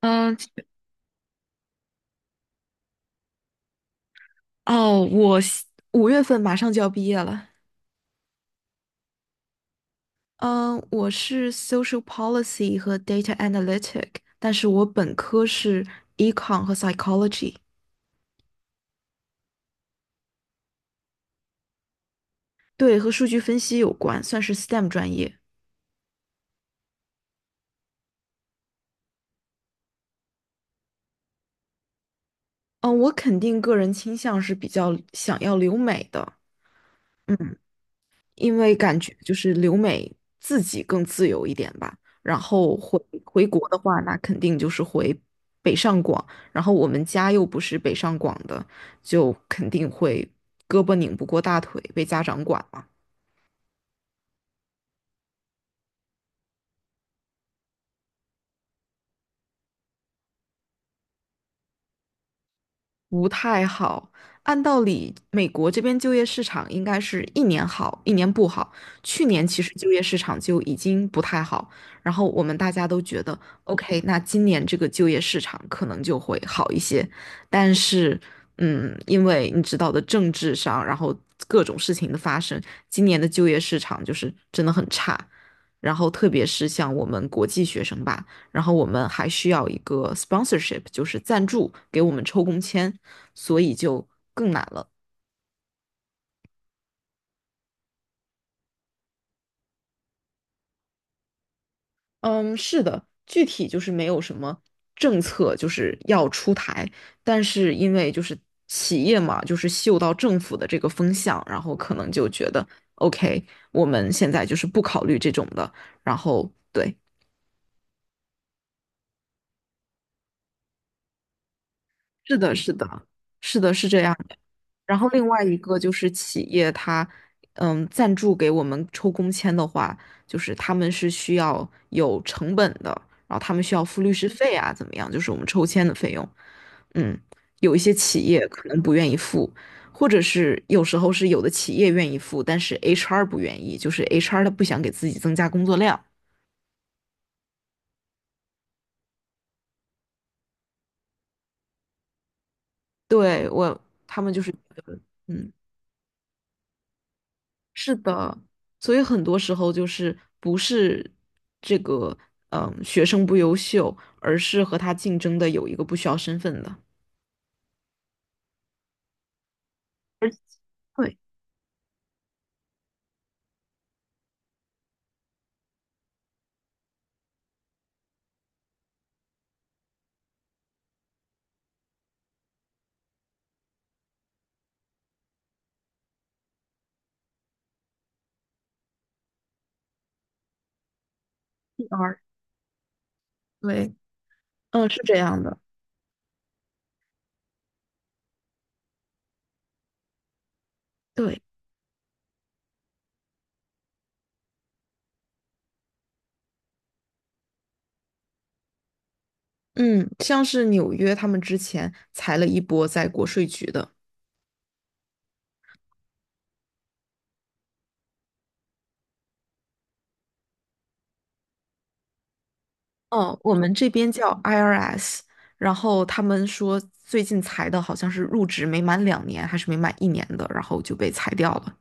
嗯，哦，五月份马上就要毕业了。嗯，我是 Social Policy 和 Data Analytic，但是我本科是 Econ 和 Psychology，对，和数据分析有关，算是 STEM 专业。嗯，我肯定个人倾向是比较想要留美的。嗯。因为感觉就是留美自己更自由一点吧。然后回国的话，那肯定就是回北上广。然后我们家又不是北上广的，就肯定会胳膊拧不过大腿，被家长管嘛。不太好。按道理，美国这边就业市场应该是一年好，一年不好。去年其实就业市场就已经不太好，然后我们大家都觉得，OK,那今年这个就业市场可能就会好一些。但是，因为你知道的，政治上，然后各种事情的发生，今年的就业市场就是真的很差。然后，特别是像我们国际学生吧，然后我们还需要一个 sponsorship,就是赞助给我们抽工签，所以就更难了。嗯，是的，具体就是没有什么政策就是要出台，但是因为就是企业嘛，就是嗅到政府的这个风向，然后可能就觉得 OK,我们现在就是不考虑这种的，然后对，是的，是的，是的，是这样。然后另外一个就是企业它，赞助给我们抽工签的话，就是他们是需要有成本的，然后他们需要付律师费啊，怎么样？就是我们抽签的费用，嗯，有一些企业可能不愿意付，或者是有时候是有的企业愿意付，但是 HR 不愿意，就是 HR 他不想给自己增加工作量，对，他们就是，嗯，是的，所以很多时候就是不是这个学生不优秀，而是和他竞争的有一个不需要身份的。对，PR,对，嗯，是这样的。对，嗯，像是纽约他们之前裁了一波在国税局的，哦，我们这边叫 IRS,然后他们说最近裁的好像是入职没满2年还是没满一年的，然后就被裁掉了。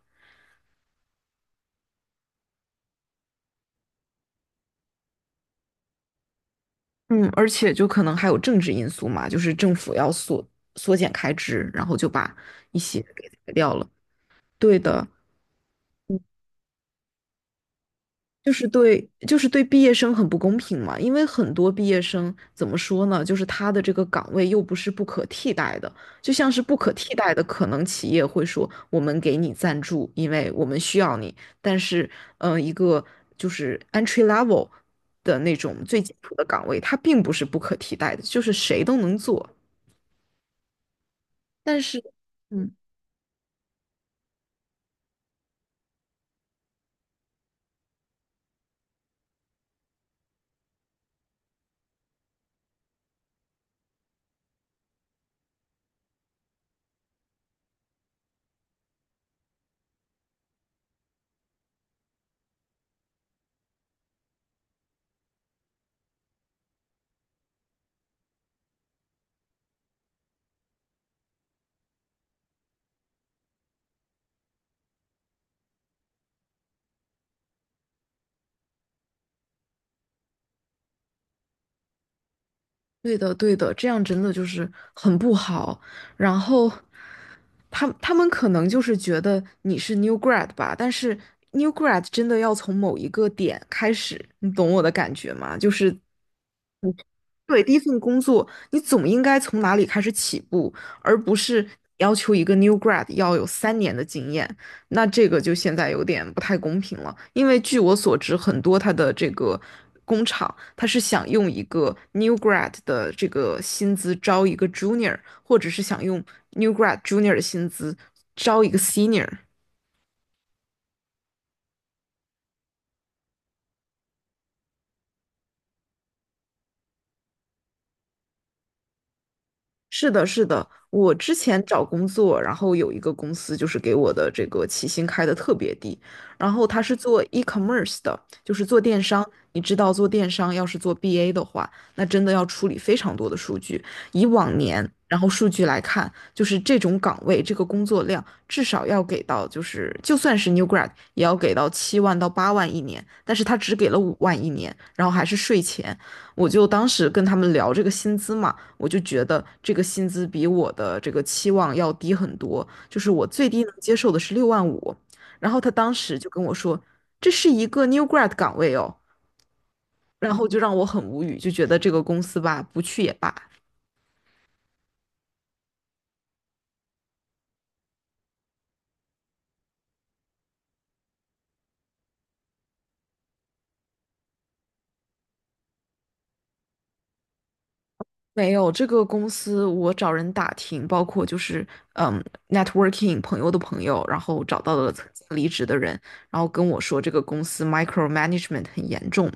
嗯，而且就可能还有政治因素嘛，就是政府要缩减开支，然后就把一些给裁掉了。对的，就是对，毕业生很不公平嘛，因为很多毕业生怎么说呢，就是他的这个岗位又不是不可替代的，就像是不可替代的，可能企业会说我们给你赞助，因为我们需要你，但是，一个就是 entry level 的那种最基础的岗位，它并不是不可替代的，就是谁都能做。但是，嗯，对的，对的，这样真的就是很不好。然后，他们可能就是觉得你是 new grad 吧，但是 new grad 真的要从某一个点开始，你懂我的感觉吗？就是对，第一份工作，你总应该从哪里开始起步，而不是要求一个 new grad 要有3年的经验。那这个就现在有点不太公平了，因为据我所知，很多他的这个工厂，他是想用一个 new grad 的这个薪资招一个 junior,或者是想用 new grad junior 的薪资招一个 senior。是的，是的，我之前找工作，然后有一个公司就是给我的这个起薪开的特别低，然后他是做 e-commerce 的，就是做电商。你知道做电商要是做 BA 的话，那真的要处理非常多的数据。以往年，然后数据来看，就是这种岗位这个工作量至少要给到，就是就算是 new grad 也要给到7万到8万一年，但是他只给了5万一年，然后还是税前，我就当时跟他们聊这个薪资嘛，我就觉得这个薪资比我的这个期望要低很多，就是我最低能接受的是6.5万。然后他当时就跟我说，这是一个 new grad 岗位哦，然后就让我很无语，就觉得这个公司吧，不去也罢。没有，这个公司我找人打听，包括就是嗯，networking 朋友的朋友，然后找到了曾经离职的人，然后跟我说这个公司 micromanagement 很严重，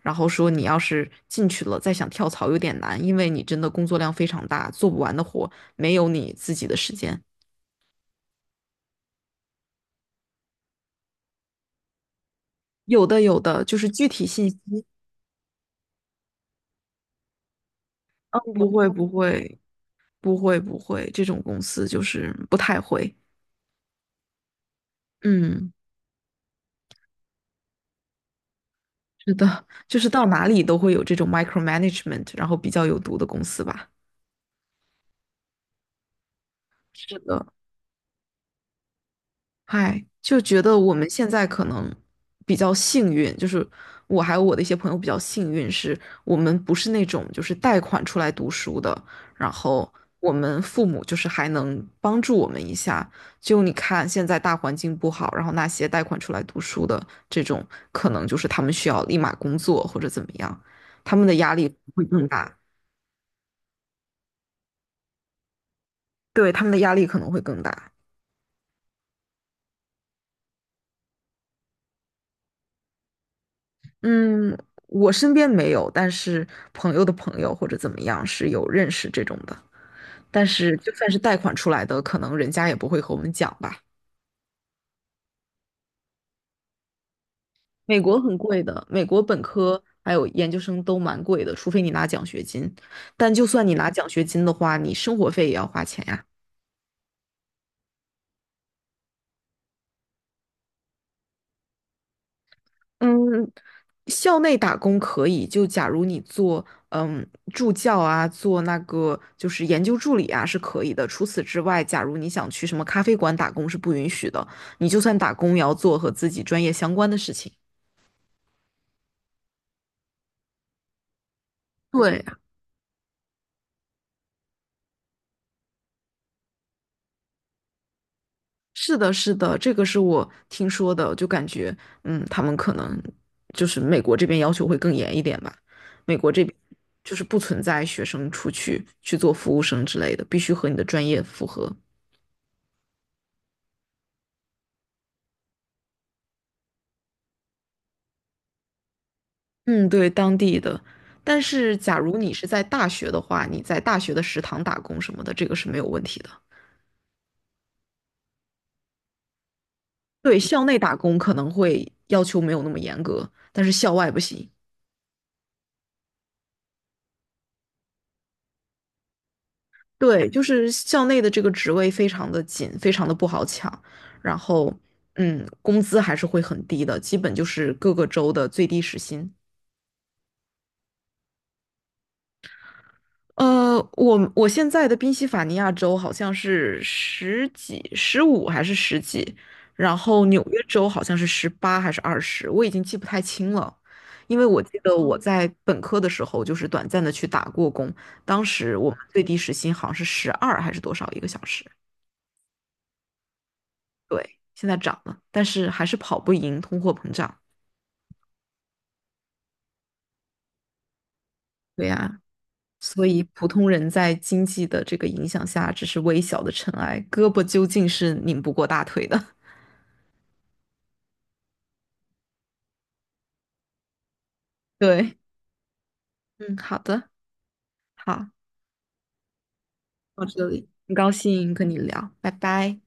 然后说你要是进去了再想跳槽有点难，因为你真的工作量非常大，做不完的活，没有你自己的时间。有的有的，就是具体信息不会不会不会不会，这种公司就是不太会，嗯。是的，就是到哪里都会有这种 micromanagement,然后比较有毒的公司吧。是的，嗨，就觉得我们现在可能比较幸运，就是我还有我的一些朋友比较幸运，是我们不是那种就是贷款出来读书的，然后我们父母就是还能帮助我们一下。就你看现在大环境不好，然后那些贷款出来读书的这种，可能就是他们需要立马工作或者怎么样，他们的压力会更大。对，他们的压力可能会更大。嗯，我身边没有，但是朋友的朋友或者怎么样是有认识这种的。但是就算是贷款出来的，可能人家也不会和我们讲吧。美国很贵的，美国本科还有研究生都蛮贵的，除非你拿奖学金。但就算你拿奖学金的话，你生活费也要花钱呀。嗯，校内打工可以，就假如你做嗯助教啊，做那个就是研究助理啊是可以的。除此之外，假如你想去什么咖啡馆打工是不允许的，你就算打工也要做和自己专业相关的事情。对，是的，是的，这个是我听说的，就感觉他们可能就是美国这边要求会更严一点吧。美国这边就是不存在学生出去去做服务生之类的，必须和你的专业符合。嗯，对，当地的。但是，假如你是在大学的话，你在大学的食堂打工什么的，这个是没有问题的。对，校内打工可能会要求没有那么严格，但是校外不行。对，就是校内的这个职位非常的紧，非常的不好抢，然后，工资还是会很低的，基本就是各个州的最低时薪。我现在的宾夕法尼亚州好像是十几、15还是十几，然后纽约州好像是18还是20，我已经记不太清了，因为我记得我在本科的时候就是短暂的去打过工，当时我们最低时薪好像是12还是多少一个小时，对，现在涨了，但是还是跑不赢通货膨胀。对呀，所以普通人在经济的这个影响下只是微小的尘埃，胳膊究竟是拧不过大腿的。对。嗯，好的，好，到这里，很高兴跟你聊，拜拜。